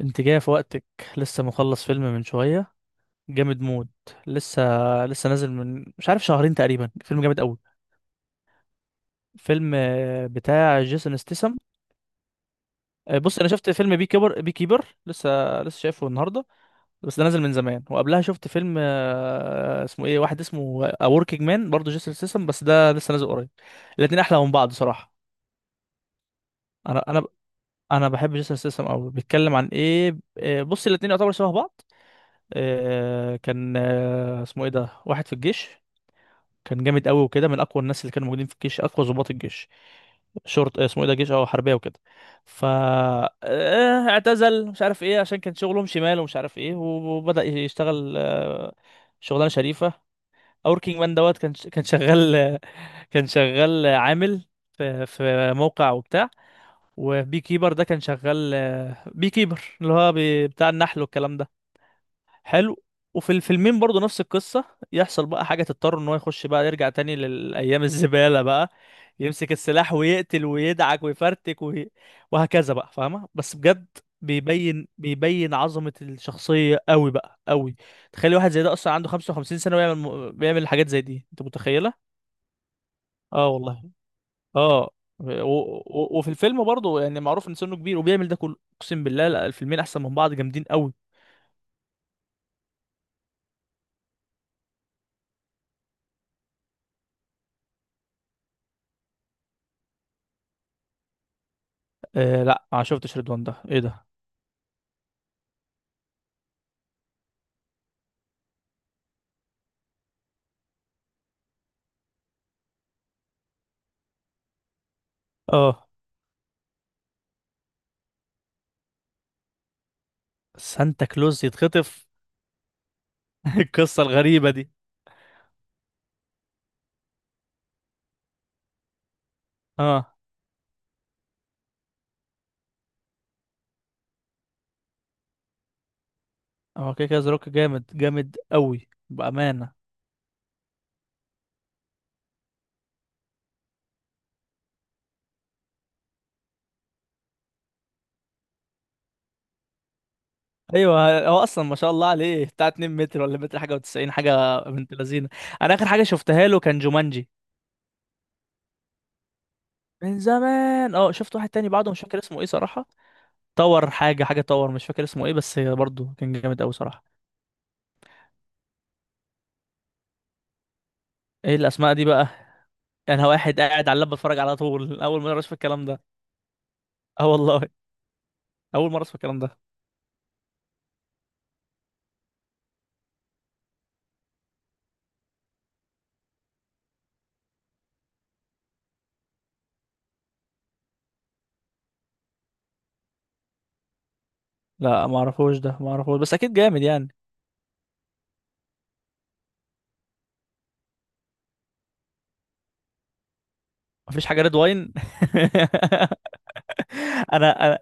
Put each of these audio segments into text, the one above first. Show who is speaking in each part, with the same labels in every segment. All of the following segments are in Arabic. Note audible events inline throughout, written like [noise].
Speaker 1: انت جاية في وقتك. لسه مخلص فيلم من شوية. جامد موت. لسه لسه نازل من مش عارف شهرين تقريبا، فيلم جامد قوي. فيلم بتاع جيسون ستيسم. بص، انا شفت فيلم بي كيبر، لسه شايفه النهارده، بس ده نازل من زمان. وقبلها شفت فيلم اسمه ايه، واحد اسمه اوركينج مان، برضه جيسون ستيسم، بس ده لسه نازل قريب. الاتنين احلى من بعض صراحة. انا انا انا بحب جيسون ستيسم قوي. بيتكلم عن ايه؟ بص، الاتنين يعتبروا شبه بعض. كان اسمه ايه ده، واحد في الجيش، كان جامد قوي وكده، من اقوى الناس اللي كانوا موجودين في الجيش، اقوى ضباط الجيش. شرط اسمه ايه ده، جيش او حربيه وكده. ف اعتزل، مش عارف ايه، عشان كان شغلهم شمال ومش عارف ايه، وبدأ يشتغل شغلانه شريفه. اوركينج مان دوت، كان شغال [laughs] كان شغال عامل في موقع وبتاع. وبي كيبر ده كان شغال، بي كيبر اللي هو بتاع النحل والكلام ده. حلو. وفي الفيلمين برضو نفس القصة، يحصل بقى حاجة تضطر ان هو يخش بقى، يرجع تاني للأيام الزبالة بقى، يمسك السلاح ويقتل ويدعك ويفرتك وهكذا بقى، فاهمة؟ بس بجد بيبين عظمة الشخصية قوي بقى قوي. تخيل واحد زي ده أصلا عنده 55 سنة، بيعمل حاجات زي دي، أنت متخيلة؟ اه والله، اه. وفي الفيلم برضه يعني معروف ان سنه كبير وبيعمل ده كله، اقسم بالله، لا، الفيلمين احسن من بعض، جامدين قوي. لا، ما شفتش، رضوان ده ايه ده؟ اه. سانتا كلوز يتخطف؟ [laughs] القصة الغريبة دي. اه. هو كده كده ذا روك، جامد جامد قوي بأمانة. ايوه، هو اصلا ما شاء الله عليه بتاع 2 متر، ولا متر حاجة و90 حاجة، بنت لذينة. انا اخر حاجة شفتها له كان جومانجي. من زمان، اه. شفت واحد تاني بعده، مش فاكر اسمه ايه صراحة. طور حاجة، حاجة طور، مش فاكر اسمه ايه، بس برضه كان جامد قوي صراحة. ايه الاسماء دي بقى؟ انا واحد قاعد على اللاب بتفرج على طول، اول مرة اشوف الكلام ده. اه والله، اول مرة اشوف الكلام ده. لا ما اعرفوش ده، ما اعرفوش، بس اكيد جامد يعني. مفيش حاجه ريد واين. [laughs] انا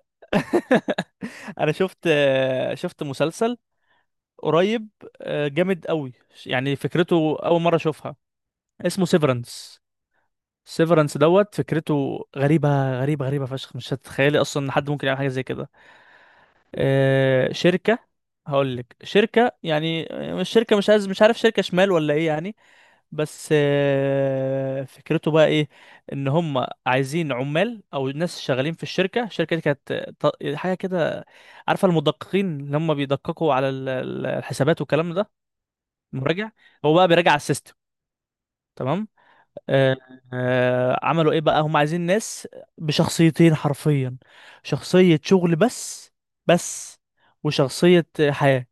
Speaker 1: [laughs] انا شفت، شفت مسلسل قريب، جامد قوي. يعني فكرته اول مره اشوفها، اسمه سيفرنس. سيفرنس دوت، فكرته غريبه غريبه غريبه فشخ، مش هتتخيلي اصلا ان حد ممكن يعمل حاجه زي كده. شركه. هقول لك، شركه يعني مش شركه، مش عايز، مش عارف، شركه شمال ولا ايه يعني. بس فكرته بقى ايه، ان هم عايزين عمال او ناس شغالين في الشركه دي كانت حاجه كده. عارفه المدققين اللي هم بيدققوا على الحسابات والكلام ده، المراجع. هو بقى بيراجع على السيستم. تمام. آه. عملوا ايه بقى، هم عايزين ناس بشخصيتين حرفيا، شخصيه شغل بس، بس، وشخصيه حياه.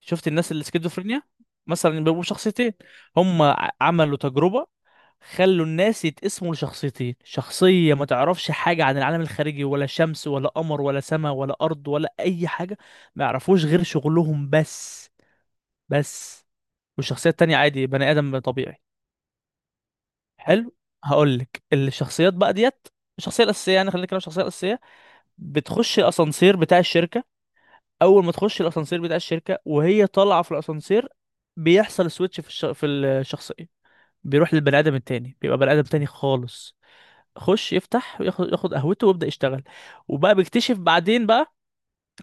Speaker 1: شفت الناس اللي سكيزوفرينيا؟ مثلا بيبقوا شخصيتين. هم عملوا تجربه، خلوا الناس يتقسموا لشخصيتين، شخصية ما تعرفش حاجة عن العالم الخارجي، ولا شمس ولا قمر ولا سماء ولا أرض ولا أي حاجة، ما يعرفوش غير شغلهم بس، بس. والشخصية التانية عادي، بني آدم طبيعي. حلو. هقولك الشخصيات بقى ديت، الشخصية الأساسية، يعني خلينا نتكلم عن الشخصية الأساسية. بتخش الأسانسير بتاع الشركة. أول ما تخش الأسانسير بتاع الشركة وهي طالعة في الأسانسير، بيحصل سويتش في الشخصية. بيروح للبني آدم التاني، بيبقى بني آدم تاني خالص. خش يفتح وياخد قهوته ويبدأ يشتغل. وبقى بيكتشف بعدين بقى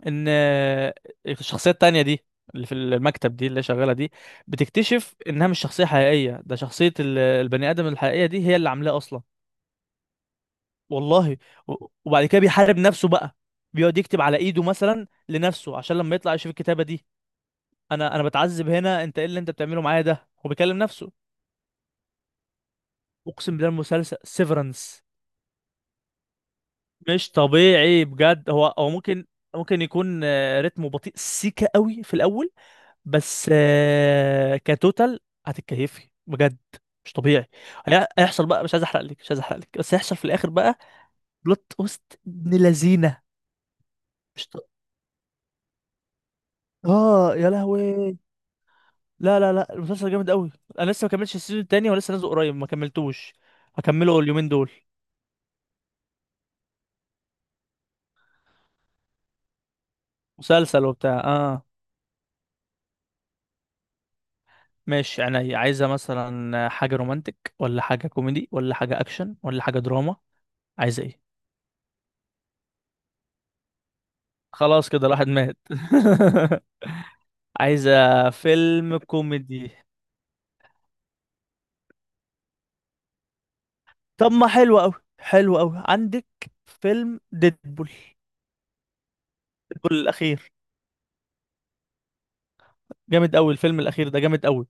Speaker 1: ان الشخصية التانية دي، اللي في المكتب دي، اللي شغالة دي، بتكتشف انها مش شخصية حقيقية، ده شخصية البني آدم الحقيقية دي هي اللي عاملاه اصلا. والله. وبعد كده بيحارب نفسه بقى، بيقعد يكتب على ايده مثلا لنفسه عشان لما يطلع يشوف الكتابة دي. انا بتعذب هنا، انت ايه اللي انت بتعمله معايا ده، هو بيكلم نفسه. اقسم بالله المسلسل سيفرنس مش طبيعي بجد. هو ممكن، ممكن يكون رتمه بطيء سيكا قوي في الاول، بس كتوتال هتتكيفي بجد، مش طبيعي. هيحصل بقى، مش عايز احرق لك، مش عايز احرق لك، بس هيحصل في الاخر بقى بلوت تويست ابن لذينه. مش ط... اه يا لهوي. لا لا لا، المسلسل جامد قوي. انا لسه ما كملتش السيزون التاني، ولسه نازل قريب ما كملتوش. هكمله اليومين دول. مسلسل وبتاع، اه. ماشي، يعني عايزة مثلا حاجة رومانتك ولا حاجة كوميدي ولا حاجة أكشن ولا حاجة دراما؟ عايزة إيه؟ خلاص كده الواحد مات. [laughs] عايزة فيلم كوميدي. طب ما حلو أوي، حلو أوي عندك، فيلم ديدبول. ديدبول الأخير جامد أوي، الفيلم الأخير ده جامد أوي.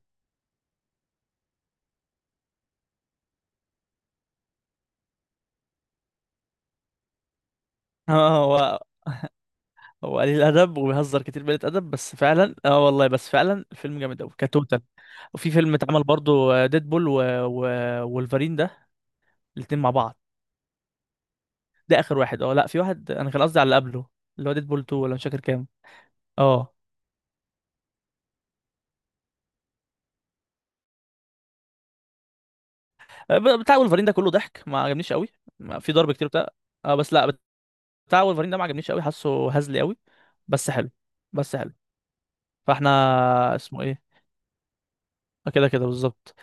Speaker 1: [laughs] آه، هو هو قليل أدب وبيهزر كتير بقلة أدب، بس فعلا، اه والله، بس فعلا الفيلم جامد أوي كتوتال. وفي فيلم اتعمل برضو ديدبول و... وولفرين ده، الاتنين مع بعض. ده اخر واحد، اه لا، في واحد، انا كان قصدي على اللي قبله، اللي هو ديدبول 2، ولا مش فاكر كام. اه، بتاع ولفرين ده كله ضحك، ما عجبنيش قوي. في ضرب كتير بتاع، اه، بس لا، بتاع ولفرين ده ما عجبنيش قوي، حاسه هزلي قوي. بس حلو، بس حلو. فاحنا، اسمه ايه؟ كده كده بالظبط.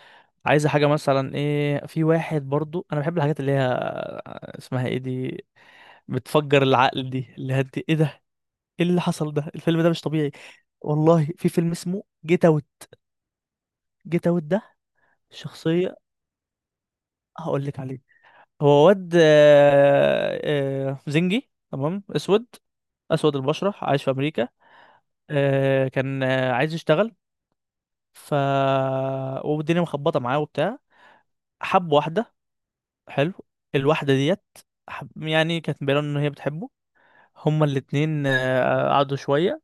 Speaker 1: عايزه حاجه مثلا ايه، في واحد برضو، انا بحب الحاجات اللي هي اسمها ايه دي، بتفجر العقل دي، اللي هي ايه ده، ايه اللي حصل ده، الفيلم ده مش طبيعي. والله في فيلم اسمه جيت اوت. جيت اوت ده شخصيه، هقول لك عليه. هو واد زنجي تمام، اسود، اسود البشره، عايش في امريكا. كان عايز يشتغل. ف والدنيا مخبطه معاه وبتاع. حب واحده. حلو. الواحده ديت، يعني كانت مبينه ان هي بتحبه. هما الاتنين قعدوا شويه.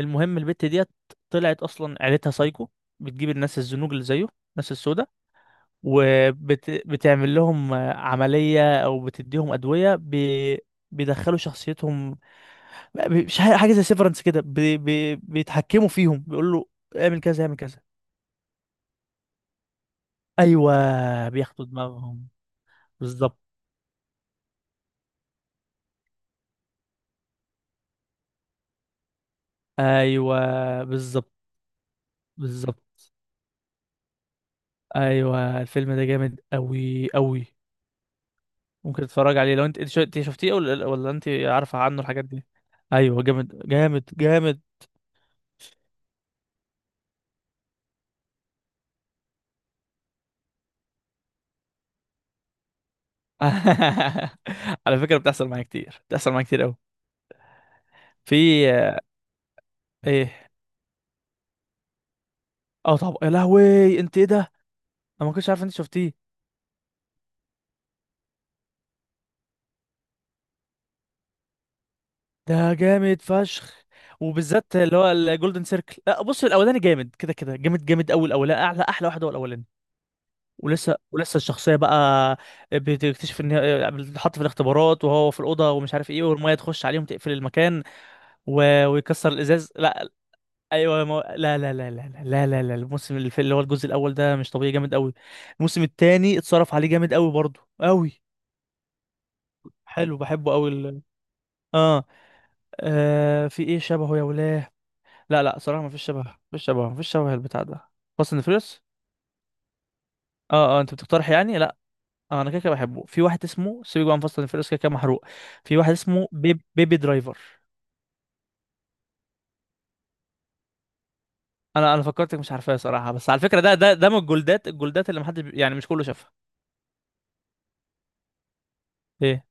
Speaker 1: المهم البت ديت طلعت اصلا عيلتها سايكو، بتجيب الناس الزنوج اللي زيه، الناس السوداء، وبتعمل لهم عمليه، او بتديهم ادويه بيدخلوا شخصيتهم. مش حاجه زي سيفرنس كده، بي بي بيتحكموا فيهم، بيقول له اعمل كذا، اعمل كذا. ايوه بياخدوا دماغهم. بالظبط. ايوه بالظبط. بالظبط. ايوه، الفيلم ده جامد قوي قوي. ممكن تتفرج عليه لو انت انت شفتيه، ولا انت عارفه عنه الحاجات دي. ايوه، جامد جامد جامد. [laughs] على فكره بتحصل معايا كتير، بتحصل معايا كتير قوي. في، ايه؟ اه طب يا لهوي، انت ايه ده، انا ما كنتش عارف انت شفتيه. ده جامد فشخ، وبالذات اللي هو الجولدن سيركل. لا، بص، الاولاني جامد، كده كده جامد جامد قوي الاولاني، احلى واحد هو الاولاني. ولسه الشخصيه بقى بتكتشف ان هي بتتحط في الاختبارات، وهو في الاوضه ومش عارف ايه، والميه تخش عليهم تقفل المكان ويكسر الازاز. لا. ايوه، ما... لا لا لا لا لا لا لا لا، الموسم اللي اللي هو الجزء الاول ده مش طبيعي جامد قوي. الموسم الثاني اتصرف عليه جامد قوي برضه قوي. حلو، بحبه قوي آه. اه، في ايه شبهه يا ولاه؟ لا لا، صراحة مفيش شبه، مفيش شبه، مفيش شبه البتاع ده. فاست اند فيريوس؟ اه اه، انت بتقترح يعني، لا. انا كده كده بحبه، في واحد اسمه سيبك بقى من فاست اند فيريوس كده كده محروق. في واحد اسمه بيبي درايفر. انا فكرتك مش عارفاه صراحة، بس على فكرة ده من الجولدات اللي محدش يعني مش كله شافها. ايه؟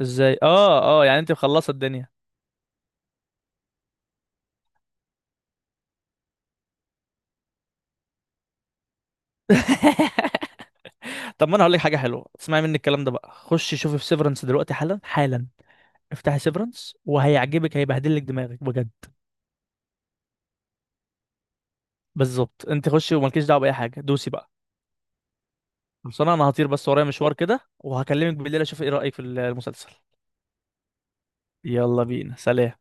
Speaker 1: ازاي، اه اه، يعني انت مخلصة الدنيا. [laughs] طب ما انا هقول لك حاجة حلوة، اسمعي مني الكلام ده بقى، خش شوفي في سيفرنس دلوقتي، حالا حالا. افتحي سيفرنس وهيعجبك، هيبهدلك دماغك بجد. بالظبط، انت خشي ومالكيش دعوة بأي حاجة، دوسي بقى. خلصانه، انا هطير بس ورايا مشوار كده، وهكلمك بالليل اشوف ايه رايك في المسلسل. يلا بينا، سلام.